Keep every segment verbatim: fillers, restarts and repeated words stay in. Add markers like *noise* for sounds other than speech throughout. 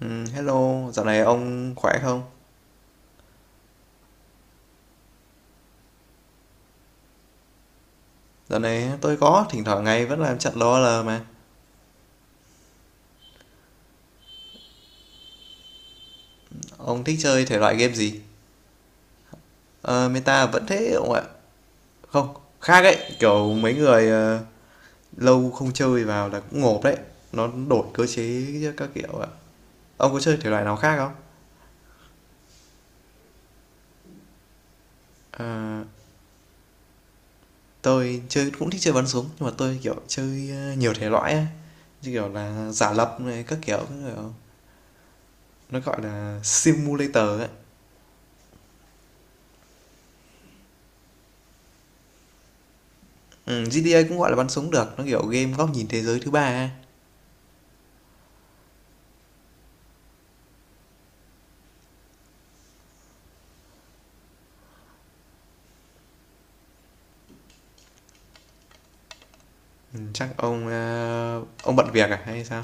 Ừm, hello, dạo này ông khỏe không? Dạo này tôi có, thỉnh thoảng ngày vẫn làm trận LOL mà. Ông thích chơi thể loại game gì? Ờ, Meta vẫn thế ông ạ. Không, khác ấy, kiểu mấy người ờ, lâu không chơi vào là cũng ngộp đấy. Nó đổi cơ chế các kiểu ạ. Ông có chơi thể loại nào khác không? Ờ, tôi chơi cũng thích chơi bắn súng, nhưng mà tôi kiểu chơi ờ, nhiều thể loại ấy. Như kiểu là giả lập này, các kiểu, các kiểu. Nó gọi là simulator ấy. Ừm, giê tê a cũng gọi là bắn súng được, nó, kiểu, game góc nhìn thế giới thứ ba ấy. Ừ, chắc ông, a, ông bận việc à hay sao?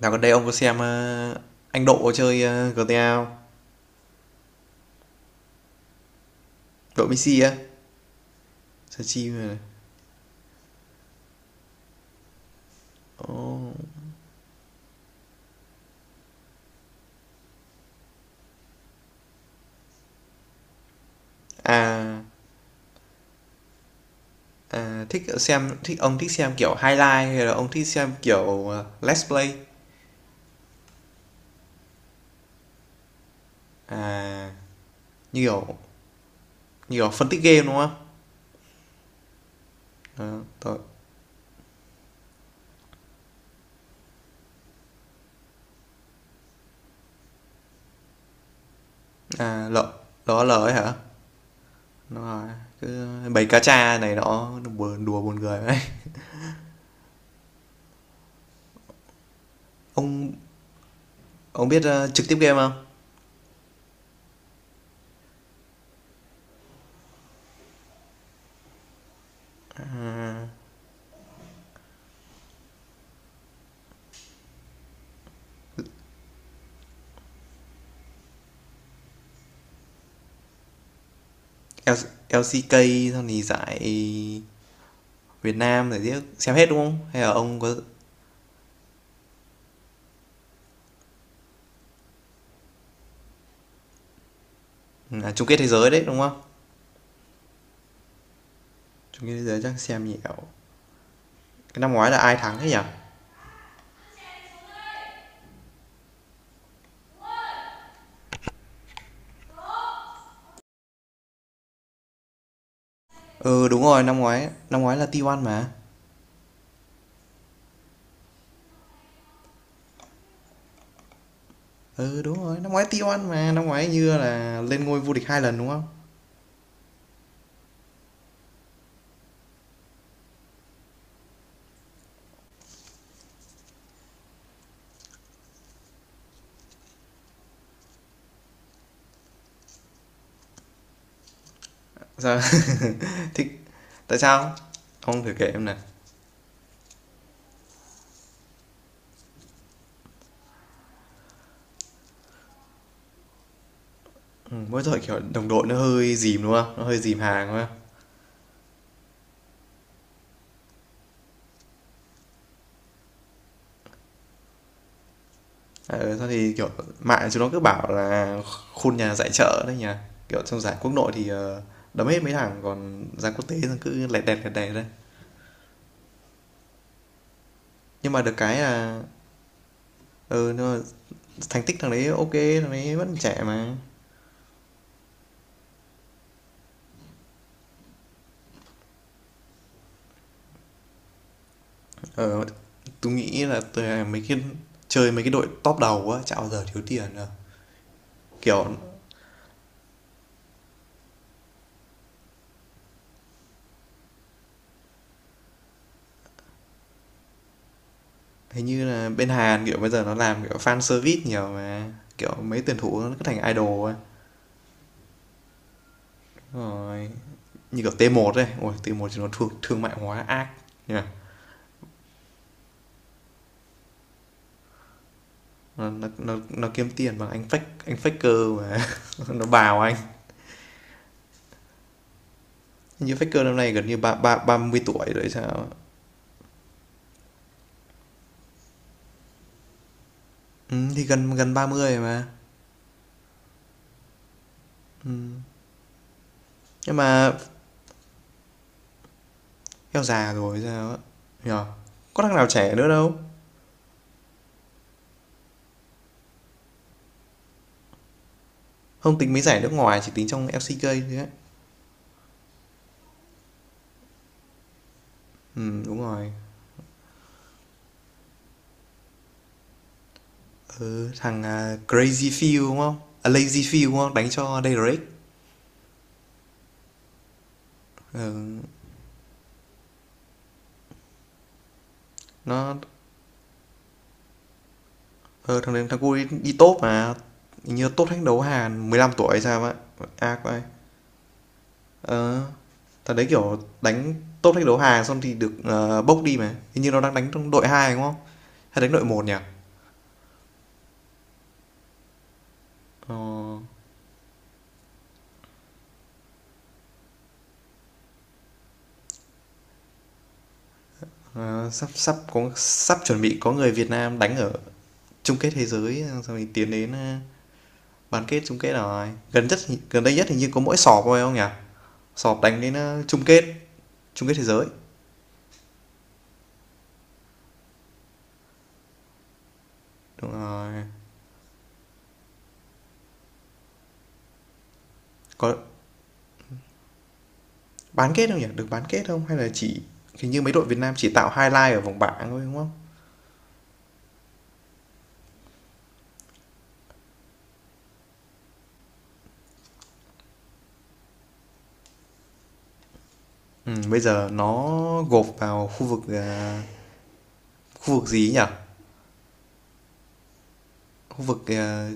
Dạo gần đây ông có xem, a, anh Độ chơi, uh, giê tê a, giê tê a không? Độ Messi á, xem chi mà, này. À, à, thích xem thích ông thích xem, kiểu, highlight hay là ông thích xem, kiểu, ờ, let's play? À, như kiểu như kiểu phân tích game, đúng không? Ờ, tôi à, L LOL ấy hả? Đúng cứ bầy cá tra này nó đùa đùa buồn cười vãi. Ông Ông biết ờ, trực tiếp game không? L- lờ xê ca xong thì giải Việt Nam giải tiếc xem hết đúng không? Hay là ông có à, chung kết thế giới đấy đúng không? Chung kết thế giới chắc xem nhiều. Cái năm ngoái là ai thắng thế nhỉ? Ừ đúng rồi, năm ngoái năm ngoái là tê một mà. Ừ đúng rồi, năm ngoái tê oăn mà, năm ngoái như là lên ngôi vô địch hai lần đúng không? Sao? *laughs* Thì tại sao? Ông thử kể em này. Ừ, mỗi tội kiểu đồng đội nó hơi dìm đúng không? Nó hơi dìm hàng đúng không? Ờ, thôi thì, kiểu, mạng chúng nó cứ bảo là khuôn nhà giải chợ đấy nhỉ? Kiểu, trong giải quốc nội thì, ờ, đấm hết mấy thằng, còn giải quốc tế là cứ lẹt đẹt, lẹt đẹt thôi. Nhưng mà được cái là ừ, nhưng mà thành tích thằng đấy OK, thằng đấy vẫn trẻ mà. Ờ, tôi nghĩ là tui mấy cái chơi mấy cái đội top đầu á, chả bao giờ thiếu tiền đâu. Kiểu, hình như là bên Hàn, kiểu, bây giờ nó làm, kiểu, fan service nhiều mà. Kiểu, mấy tuyển thủ nó cứ thành idol ấy. Rồi, như kiểu tê một đây ôi tê một thì nó thương, thương mại hóa ác nhỉ? Nó nó nó kiếm tiền bằng anh fake anh faker mà *laughs* nó bào anh. Như faker năm nay gần như ba ba 30 tuổi rồi sao. Ừ, thì gần gần ba mươi rồi mà. Nhưng mà eo già rồi sao á. Nhờ. Có thằng nào trẻ nữa đâu. Không tính mấy giải nước ngoài chỉ tính trong lờ xê ca thôi á. Ừ đúng rồi. Ừ, thằng à, Crazy feel đúng không? À, Lazy feel đúng không? Đánh cho Dayrake. Ừ, nó ờ, thằng thằng cu đi, đi top mà. Như top thách đấu Hàn mười lăm tuổi hay sao á. Ác quá. Ờ, thằng đấy, kiểu, đánh top thách đấu Hàn xong thì được, ờ, bốc đi mà. Hình như nó đang đánh trong đội hai đúng không? Hay đánh đội một nhỉ? Ờ, ờ, sắp sắp có sắp chuẩn bị có người Việt Nam đánh ở chung kết thế giới xong thì tiến đến, a, bán kết, chung kết rồi. Gần nhất gần đây nhất hình như có mỗi sọp thôi, không nhỉ? Sọp đánh đến, a, chung kết chung kết thế giới. Đúng rồi. Có bán kết không nhỉ? Được bán kết không? Hay là chỉ hình như mấy đội Việt Nam chỉ tạo highlight ở vòng bảng thôi, đúng không? Ừm, bây giờ nó gộp vào khu vực, à khu vực gì nhỉ? Khu vực, ờ,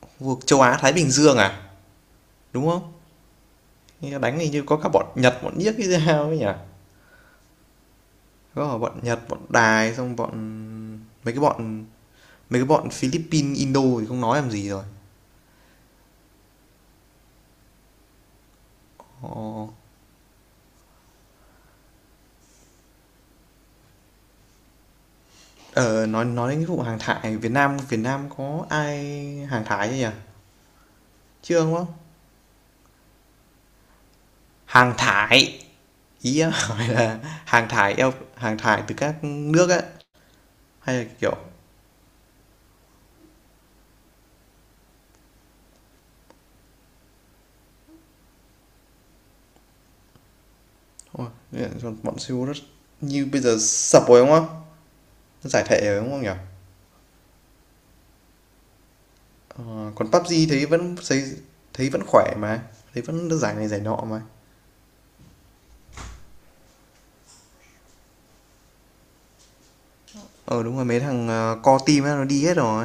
khu vực châu Á Thái Bình Dương à? Đúng không? Đánh hình như có cả bọn Nhật, bọn Nhiếc cái sao ấy nhỉ? Có cả bọn Nhật, bọn Đài xong bọn mấy cái bọn mấy cái bọn Philippines, Indo thì không nói làm gì rồi. Ồ. Ờ nói nói đến cái vụ hàng thải Việt Nam Việt Nam có ai hàng thải chưa nhỉ? Chưa đúng không? Hàng thải, ý em *laughs* hỏi là hàng thải eo hàng thải từ các nước ấy hay là kiểu. Ôi, bọn Seoul rất như bây giờ sập rồi đúng không? Giải thể rồi, đúng không nhỉ? Ờ, còn pi u bi gi thấy vẫn thấy thấy vẫn khỏe mà, thấy vẫn được giải này giải nọ mà. Ờ, đúng rồi, mấy thằng, ờ, core team á, nó đi hết rồi.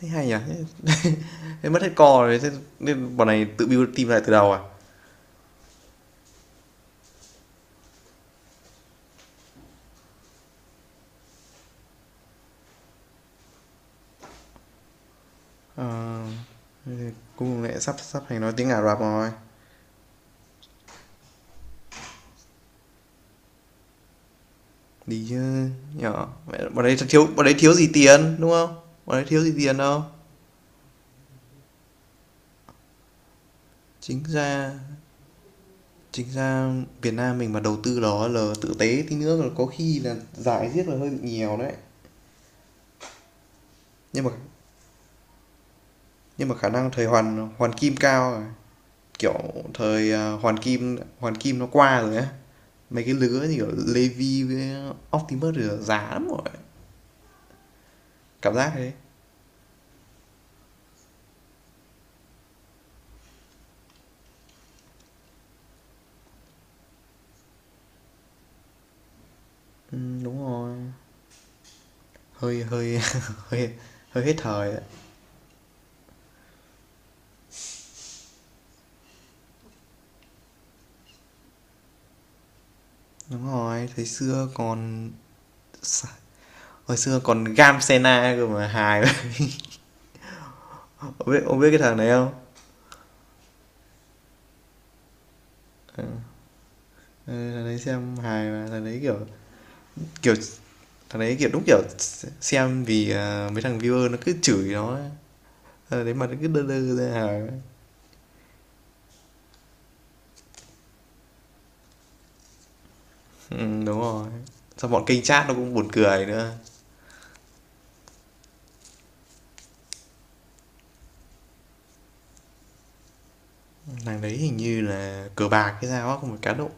Thấy hay nhỉ? *laughs* Thế mất hết core rồi, thế nên bọn này tự build team lại từ đầu à? Ờ, thế cùng lại sắp sắp thành nói tiếng Ả Rập rồi. Đi chứ, nhỉ? Bọn đấy thiếu bọn đấy thiếu gì tiền, đúng không? Bọn đấy thiếu gì tiền đâu. Chính ra Chính ra Việt Nam mình mà đầu tư đó là tự tế tí nữa là có khi là giải riếc là hơi bị nhiều đấy. Nhưng mà nhưng mà khả năng thời Hoàn Hoàn Kim cao rồi. Kiểu thời à, Hoàn Kim Hoàn Kim nó qua rồi á. Mấy cái lứa như kiểu Levi với Optimus rồi là lắm rồi. Cảm giác thế. Ừ, đúng rồi. Hơi hơi *laughs* hơi hơi hết thời đấy. Đúng rồi, thời xưa còn hồi xưa còn Gam Sena cơ mà hài. *laughs* Ông biết ông biết cái thằng này không? Ừ. Ừ, thằng đấy xem hài mà thằng đấy kiểu kiểu thằng đấy kiểu đúng kiểu xem vì à, mấy thằng viewer nó cứ chửi nó, thằng đấy mà nó cứ đơ đơ ra hài. Ừ, đúng rồi, xong bọn kênh chat nó cũng buồn cười nữa. Thằng đấy hình như là cờ bạc cái sao á, không phải cá độ.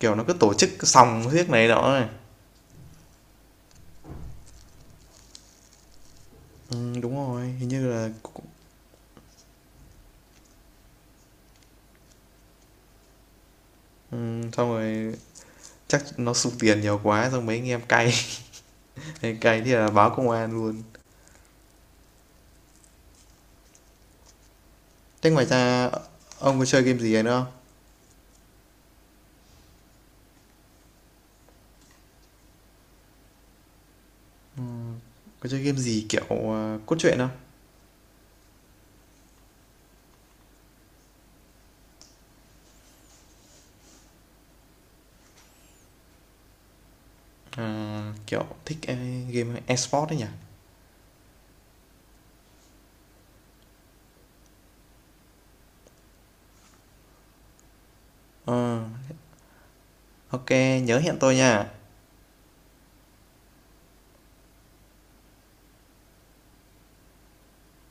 Kiểu nó cứ tổ chức sòng riết này đó này. Ừ, đúng rồi hình như là. Ừ, xong rồi chắc nó sụt tiền nhiều quá xong mấy anh em cay *laughs* cay thì là báo công an luôn. Thế ngoài ra ông có chơi game gì nữa không? Có chơi game gì kiểu, ờ, cốt truyện không? Ờ, kiểu thích, ơ, game esports sport nhỉ? Ờ, ô nhớ hẹn tôi nha.